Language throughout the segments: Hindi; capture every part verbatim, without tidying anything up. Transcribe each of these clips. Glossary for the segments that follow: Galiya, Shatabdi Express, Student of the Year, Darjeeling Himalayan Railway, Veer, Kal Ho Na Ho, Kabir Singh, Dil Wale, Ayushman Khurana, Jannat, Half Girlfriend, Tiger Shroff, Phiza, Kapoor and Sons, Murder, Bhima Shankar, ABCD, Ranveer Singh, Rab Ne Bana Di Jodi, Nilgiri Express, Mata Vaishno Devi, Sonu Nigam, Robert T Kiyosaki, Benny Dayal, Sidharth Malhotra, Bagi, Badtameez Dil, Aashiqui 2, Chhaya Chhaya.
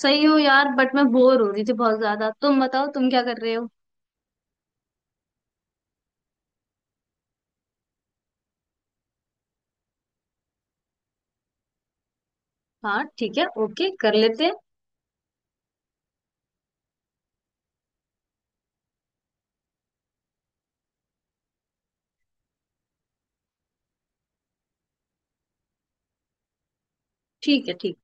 सही हो यार, बट मैं बोर हो रही थी बहुत ज्यादा। तुम बताओ, तुम क्या कर रहे हो? हाँ ठीक है, ओके कर लेते हैं। ठीक है। ठीक।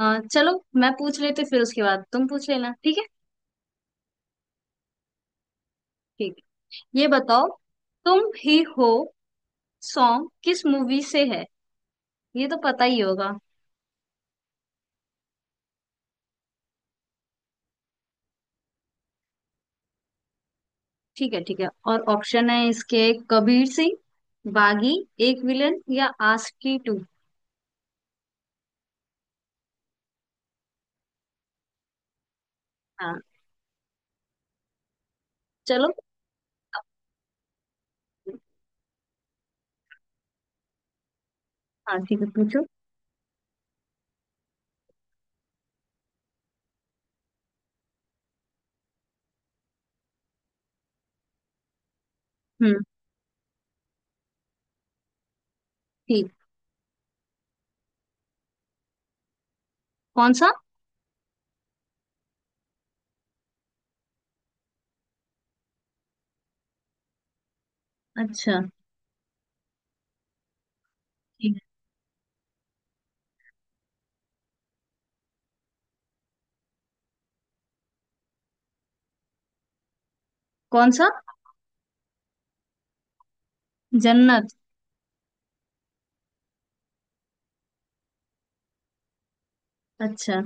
आ, चलो मैं पूछ लेते, फिर उसके बाद तुम पूछ लेना। ठीक है। ठीक है। ये बताओ, तुम ही हो सॉन्ग किस मूवी से है? ये तो पता ही होगा। ठीक है, ठीक है। और ऑप्शन है इसके कबीर सिंह, बागी, एक विलन, या आशिकी टू। हाँ। चलो। हाँ ठीक है, पूछो। हम्म। ठीक। कौन सा? अच्छा ठीक है। कौन सा? जन्नत। अच्छा।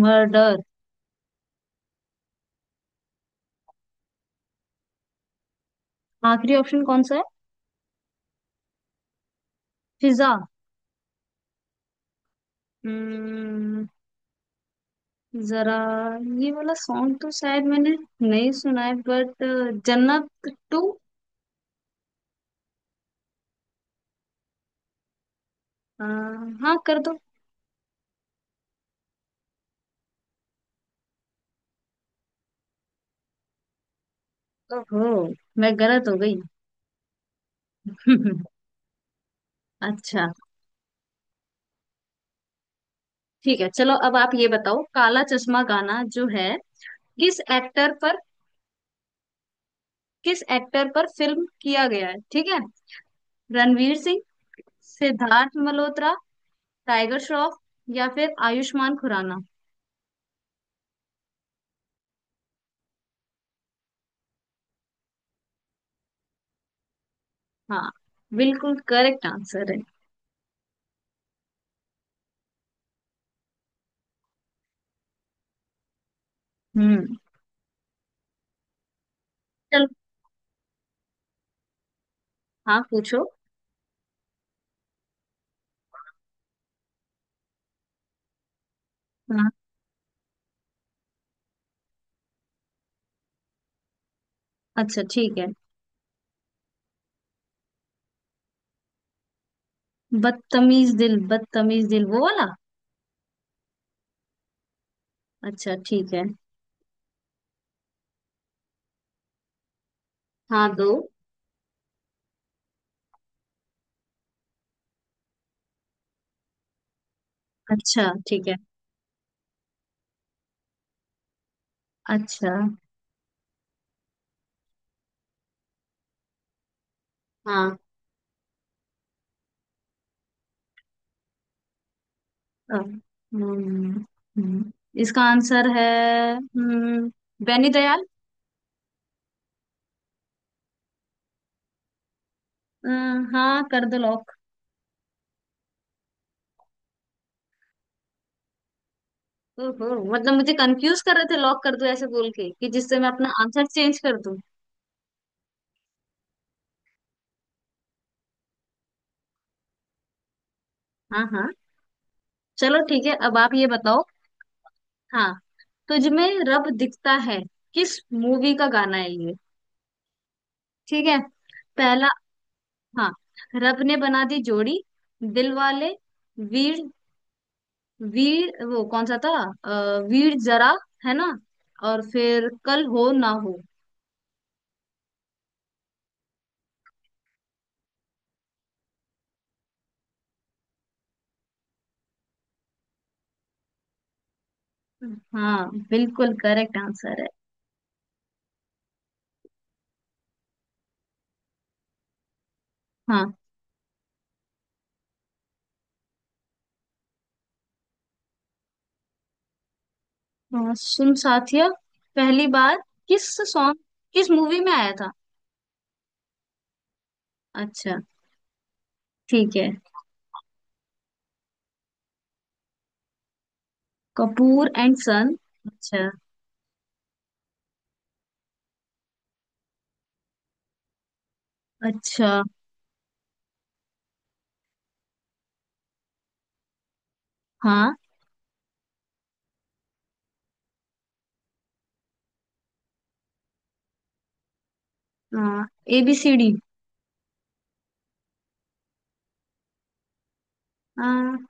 मर्डर। आखिरी ऑप्शन कौन सा है? फिजा। हम्म। जरा, ये वाला सॉन्ग तो शायद मैंने नहीं सुना है, बट जन्नत टू। हाँ कर दो। ओहो, मैं गलत हो गई। अच्छा ठीक है, चलो अब आप ये बताओ, काला चश्मा गाना जो है किस एक्टर पर, किस एक्टर पर फिल्म किया गया है, ठीक है। रणवीर सिंह, सिद्धार्थ मल्होत्रा, टाइगर श्रॉफ, या फिर आयुष्मान खुराना। हाँ, बिल्कुल करेक्ट आंसर है। हम्म। चलो। हाँ पूछो। हाँ, अच्छा ठीक है। बदतमीज दिल, बदतमीज दिल वो वाला। अच्छा ठीक है। हाँ दो। अच्छा ठीक है। अच्छा। हाँ। अ, हम्म, हम्म, इसका आंसर है हम्म, बेनी दयाल। अ, हाँ कर दो लॉक। ओहो, मतलब मुझे कंफ्यूज कर रहे थे, लॉक कर दो ऐसे बोल के कि जिससे मैं अपना आंसर चेंज कर दूं। हाँ हाँ। चलो ठीक है, अब आप ये बताओ। हाँ। तुझमें रब दिखता है किस मूवी का गाना है ये, ठीक है। पहला, हाँ, रब ने बना दी जोड़ी, दिल वाले, वीर, वीर वो कौन सा था, अ, वीर जरा, है ना, और फिर कल हो ना हो। हाँ, बिल्कुल करेक्ट आंसर है। हाँ। अ, सुन साथिया पहली बार किस सॉन्ग, किस मूवी में आया था? अच्छा ठीक है। कपूर एंड सन। अच्छा। अच्छा। हाँ। A B C D.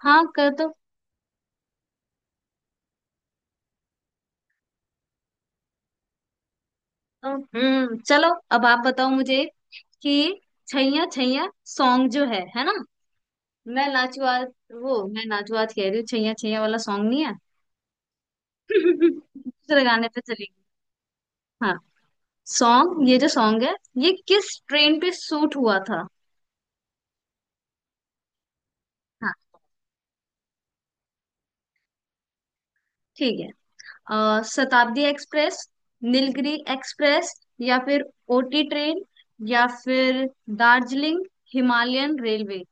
हाँ कर दो। अ, हम्म, चलो, अब आप बताओ मुझे कि छैया छैया सॉन्ग जो है है ना, मैं नाचुआ, वो मैं नाचुआ कह रही हूँ, छैया छैया वाला सॉन्ग नहीं है। दूसरे गाने पे चलेगी। हाँ। सॉन्ग, ये जो सॉन्ग है ये किस ट्रेन पे शूट हुआ था? हाँ ठीक है। अ, शताब्दी एक्सप्रेस, नीलगिरी एक्सप्रेस, या फिर ओटी ट्रेन, या फिर दार्जिलिंग हिमालयन रेलवे।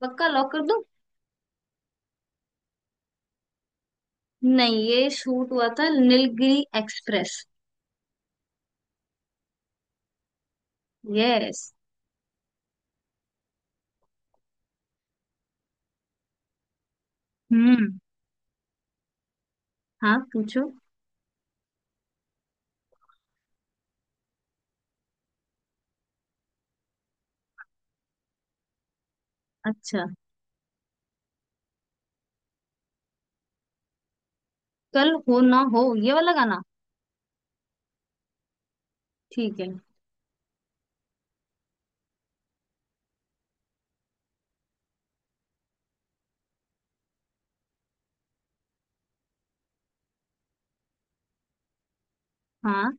पक्का लॉक कर दो। नहीं, ये शूट हुआ था नीलगिरी एक्सप्रेस। यस। हम्म। हाँ पूछो। अच्छा, कल हो ना हो, ये वाला गाना। ठीक है। हाँ।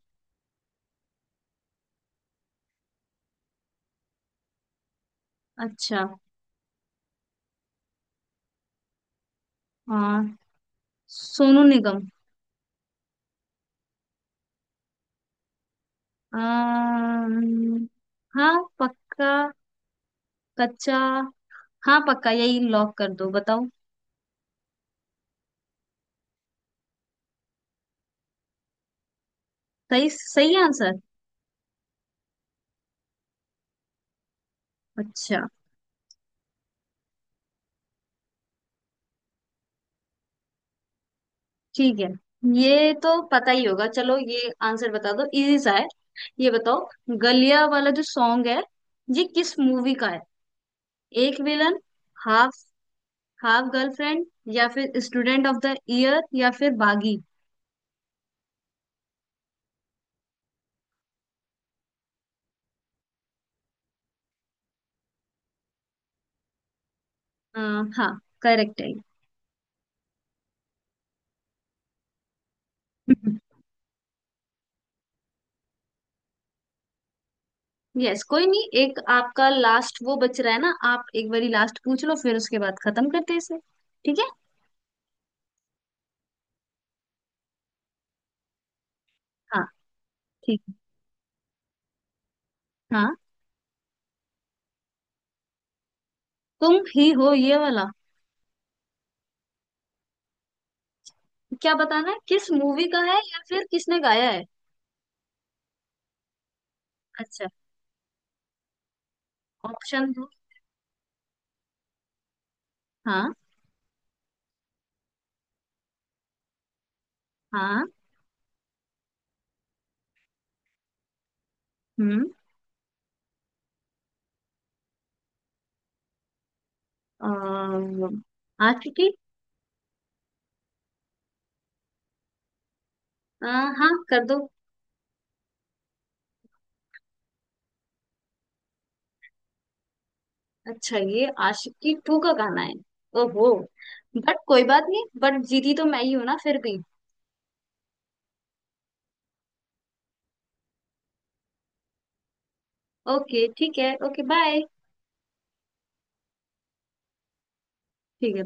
अच्छा। हाँ। सोनू निगम। अम्म, हाँ पक्का, कच्चा, हाँ पक्का, यही लॉक कर दो, बताओ। सही सही आंसर। अच्छा। ठीक है, ये तो पता ही होगा, चलो ये आंसर बता दो, इजी सा है। ये बताओ, गलिया वाला जो सॉन्ग है ये किस मूवी का है? Ek villain, half, half girlfriend, या फिर स्टूडेंट ऑफ द ईयर, या फिर बागी। अ, हाँ, करेक्ट है। यस कोई नहीं, एक आपका लास्ट वो बच रहा है ना, आप एक बारी लास्ट पूछ लो, फिर उसके बाद खत्म करते हैं इसे। ठीक है। हाँ ठीक है। हाँ। तुम ही हो, ये वाला? क्या बताना है, किस मूवी का है या फिर किसने गाया है? अच्छा। ऑप्शन दो। हाँ। हाँ। हम्म। अ, आशिकी। अ, हाँ कर दो। अच्छा, ये आशिकी टू का गाना है। ओहो, बट कोई बात नहीं, बट जीती तो मैं ही हूं ना फिर भी। ओके ठीक है, ओके बाय। ठीक है।